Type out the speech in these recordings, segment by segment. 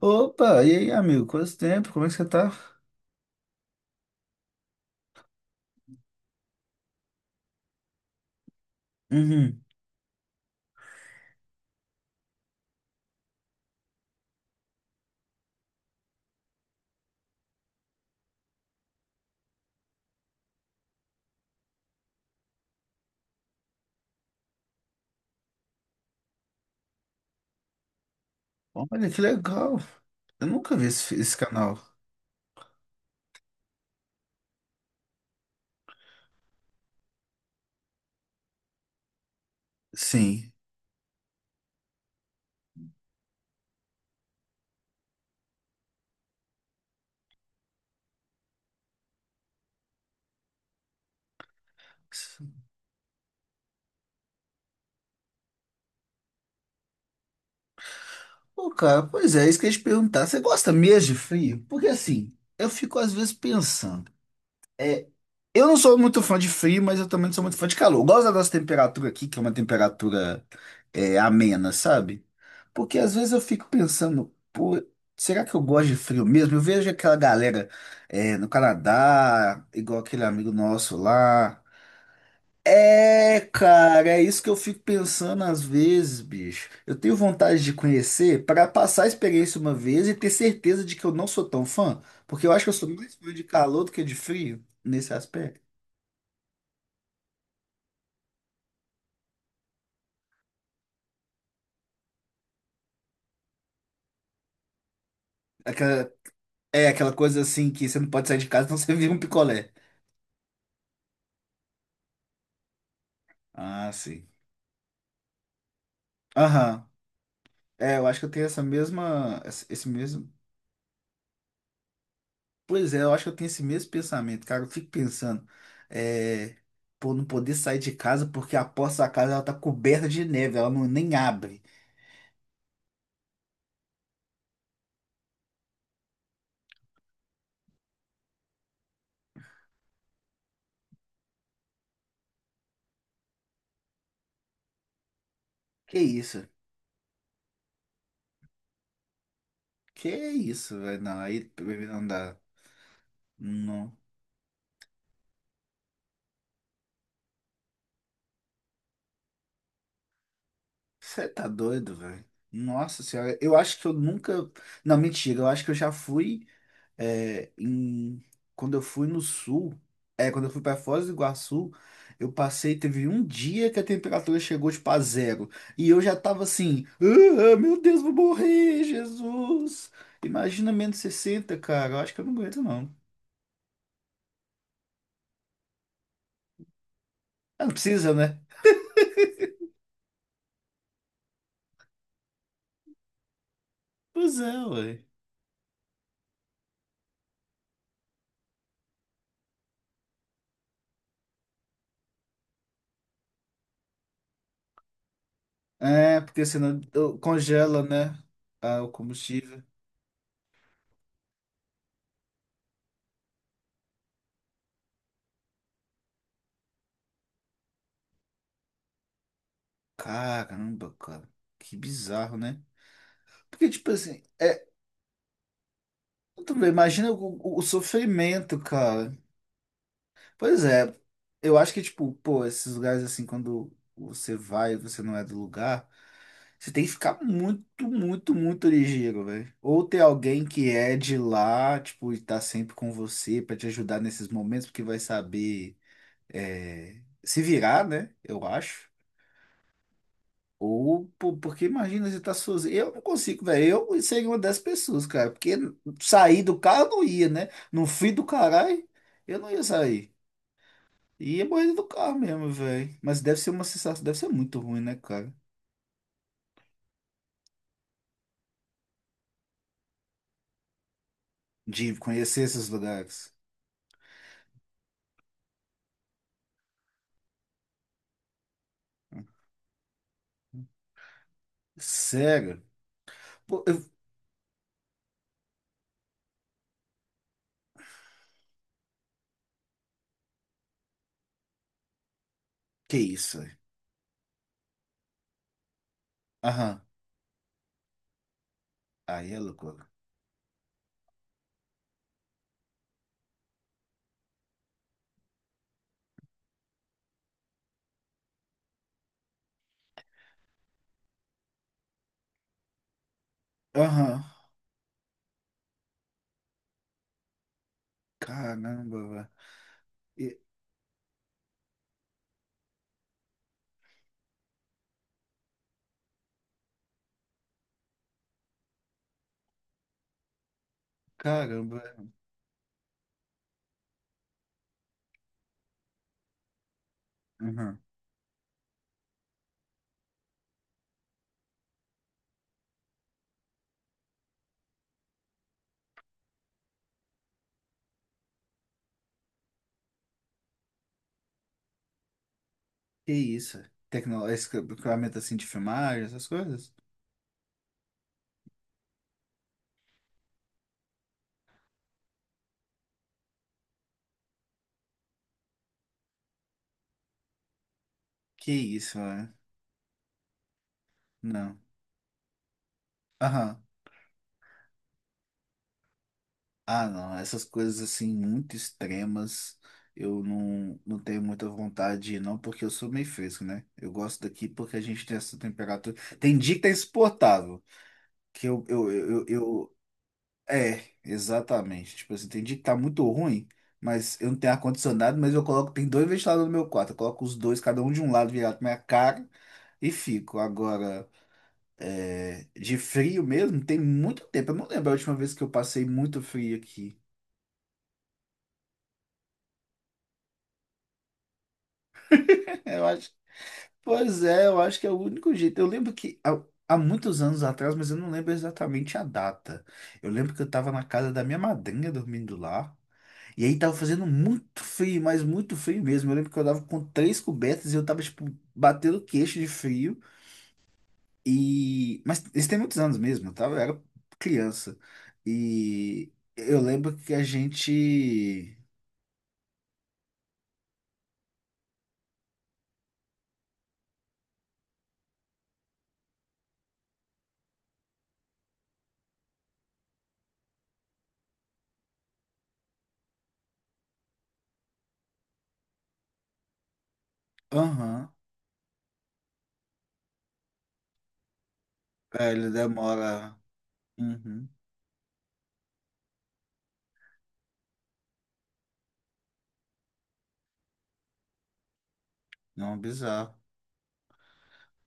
Opa, e aí, amigo? Quanto tempo? Como é que você tá? Uhum. Olha, que legal. Eu nunca vi esse canal. Sim. Pô, cara, pois é, isso que eu ia te perguntar. Você gosta mesmo de frio? Porque assim, eu fico às vezes pensando. É, Eu não sou muito fã de frio, mas eu também não sou muito fã de calor. Eu gosto da nossa temperatura aqui, que é uma temperatura amena, sabe? Porque às vezes eu fico pensando, pô, será que eu gosto de frio mesmo? Eu vejo aquela galera no Canadá, igual aquele amigo nosso lá. É, cara, é isso que eu fico pensando às vezes, bicho. Eu tenho vontade de conhecer para passar a experiência uma vez e ter certeza de que eu não sou tão fã, porque eu acho que eu sou mais fã de calor do que de frio nesse aspecto. Aquela- É aquela coisa assim que você não pode sair de casa, não, você vira um picolé. Ah, sim. Aham. É, eu acho que eu tenho essa mesma. Esse mesmo. Pois é, eu acho que eu tenho esse mesmo pensamento, cara. Eu fico pensando. É, Pô, não poder sair de casa porque a porta da casa ela tá coberta de neve, ela não, nem abre. Que isso? Que isso, velho? Não, aí não dá. Não. Você tá doido, velho? Nossa senhora, eu acho que eu nunca. Não, mentira, eu acho que eu já fui. é, em- quando eu fui no sul, quando eu fui para Foz do Iguaçu, eu passei, teve um dia que a temperatura chegou tipo a zero. E eu já tava assim, "Ah, meu Deus, vou morrer, Jesus." Imagina -60, cara. Eu acho que eu não aguento, não. Ah, não precisa, né? Pois é, ué. É, porque senão congela, né? Ah, o combustível. Caramba, cara. Que bizarro, né? Porque, tipo assim, tudo bem, imagina o sofrimento, cara. Pois é, eu acho que, tipo, pô, esses lugares assim, quando você vai e você não é do lugar, você tem que ficar muito, muito, muito ligeiro, velho. Ou ter alguém que é de lá, tipo, e tá sempre com você pra te ajudar nesses momentos, porque vai saber é, se virar, né? Eu acho. Ou, pô, porque imagina, você tá sozinho. Eu não consigo, velho. Eu seria uma dessas pessoas, cara. Porque sair do carro eu não ia, né? No fim do caralho, eu não ia sair. E é borrida do carro mesmo, velho. Mas deve ser uma sensação, deve ser muito ruim, né, cara? De conhecer esses lugares. Sério? Pô, Que isso, velho? Aham. Aí é loucura. Aham. Caramba, velho. E- Caramba. Aham. Que isso? Tecnológico, equipamento assim de filmagem, essas coisas? Que isso, velho? Não. Aham. Ah, não, essas coisas assim muito extremas, eu não tenho muita vontade, não, porque eu sou meio fresco, né? Eu gosto daqui porque a gente tem essa temperatura. Tem dia que tá insuportável. Que eu- É, exatamente. Tipo assim, tem dia que tá muito ruim, mas eu não tenho ar-condicionado, mas eu coloco, tem dois ventiladores no meu quarto, eu coloco os dois, cada um de um lado virado pra minha cara e fico. Agora, de frio mesmo, tem muito tempo. Eu não lembro a última vez que eu passei muito frio aqui. Eu acho. Pois é, eu acho que é o único jeito. Eu lembro que há muitos anos atrás, mas eu não lembro exatamente a data. Eu lembro que eu tava na casa da minha madrinha dormindo lá. E aí tava fazendo muito frio, mas muito frio mesmo. Eu lembro que eu tava com três cobertas e eu tava, tipo, batendo queixo de frio. E... Mas isso tem muitos anos mesmo, eu tava, eu era criança. E eu lembro que a gente... Aham, ele demora... Uhum. Não, bizarro.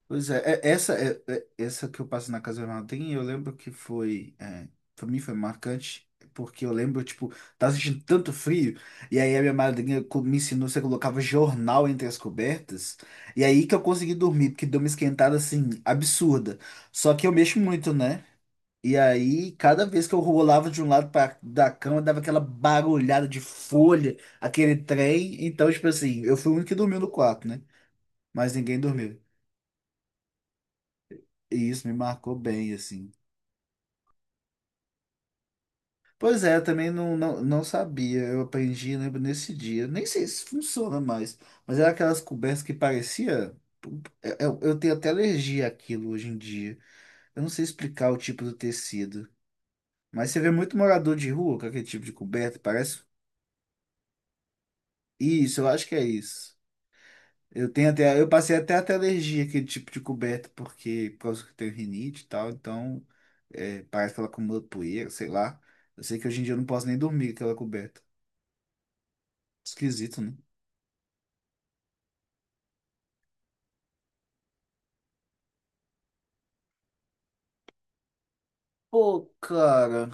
Pois é, essa essa que eu passo na Casa Vermelha eu lembro que foi, para mim foi marcante, porque eu lembro, tipo, tava sentindo tanto frio, e aí a minha madrinha me ensinou, você colocava jornal entre as cobertas, e aí que eu consegui dormir, porque deu uma esquentada, assim, absurda. Só que eu mexo muito, né? E aí, cada vez que eu rolava de um lado para da cama, dava aquela barulhada de folha, aquele trem, então, tipo assim, eu fui o único que dormiu no quarto, né? Mas ninguém dormiu. E isso me marcou bem, assim. Pois é, eu também não, sabia. Eu aprendi, lembro, nesse dia. Nem sei se funciona mais, mas era aquelas cobertas que parecia. Eu tenho até alergia àquilo hoje em dia. Eu não sei explicar o tipo do tecido. Mas você vê muito morador de rua com aquele tipo de coberta, parece. Isso, eu acho que é isso. Eu passei até alergia àquele tipo de coberta, porque por causa que eu tenho rinite e tal, então parece que ela acumula poeira, sei lá. Eu sei que hoje em dia eu não posso nem dormir com aquela coberta. Esquisito, né? Pô, cara,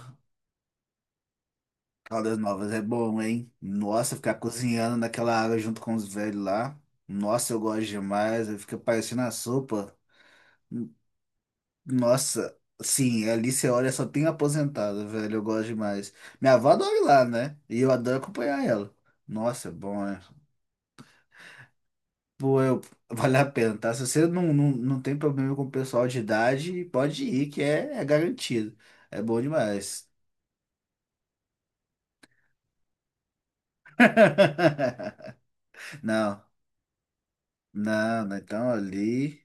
Caldas Novas é bom, hein? Nossa, ficar cozinhando naquela água junto com os velhos lá. Nossa, eu gosto demais, aí fica parecendo a sopa. Nossa, sim, ali você olha, só tem aposentado, velho. Eu gosto demais. Minha avó adora ir lá, né? E eu adoro acompanhar ela. Nossa, é bom, é. Pô, eu, vale a pena, tá? Se você não tem problema com o pessoal de idade, pode ir, que é garantido. É bom demais. Não, não, não, então ali.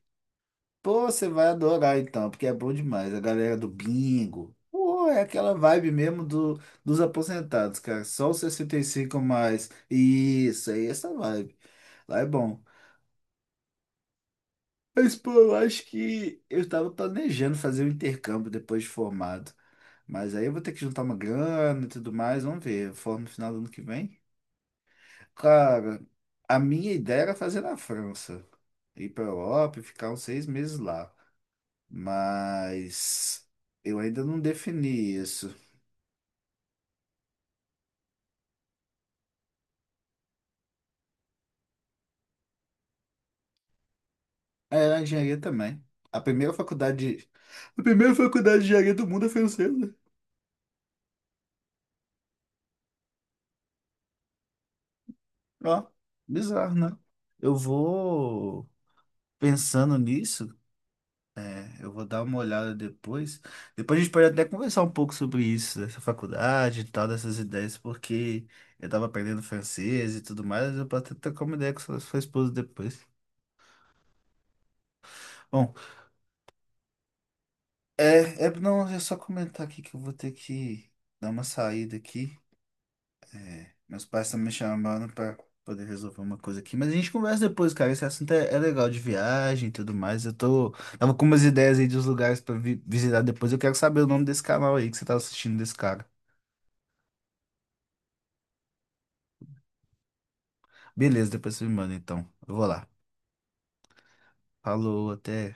Pô, você vai adorar então, porque é bom demais. A galera do bingo. Pô, é aquela vibe mesmo dos aposentados, cara. Só os 65 a mais. Isso, aí essa vibe. Lá é bom. Mas, pô, eu acho que eu tava planejando fazer um intercâmbio depois de formado. Mas aí eu vou ter que juntar uma grana e tudo mais. Vamos ver. Eu formo no final do ano que vem. Cara, a minha ideia era fazer na França. Ir pra Europa e ficar uns 6 meses lá. Mas eu ainda não defini isso. É, a engenharia também. A primeira faculdade, de- a primeira faculdade de engenharia do mundo é francesa. Ó, bizarro, né? Eu vou pensando nisso, eu vou dar uma olhada depois. Depois a gente pode até conversar um pouco sobre isso, dessa faculdade e tal, dessas ideias, porque eu tava aprendendo francês e tudo mais, eu posso até trocar uma ideia com sua esposa depois. Bom, não, é só comentar aqui que eu vou ter que dar uma saída aqui. Meus pais estão me chamando pra poder resolver uma coisa aqui. Mas a gente conversa depois, cara. Esse assunto é legal de viagem e tudo mais. Eu tô. Tava com umas ideias aí dos lugares pra visitar depois. Eu quero saber o nome desse canal aí que você tá assistindo desse cara. Beleza, depois você me manda então. Eu vou lá. Falou, até.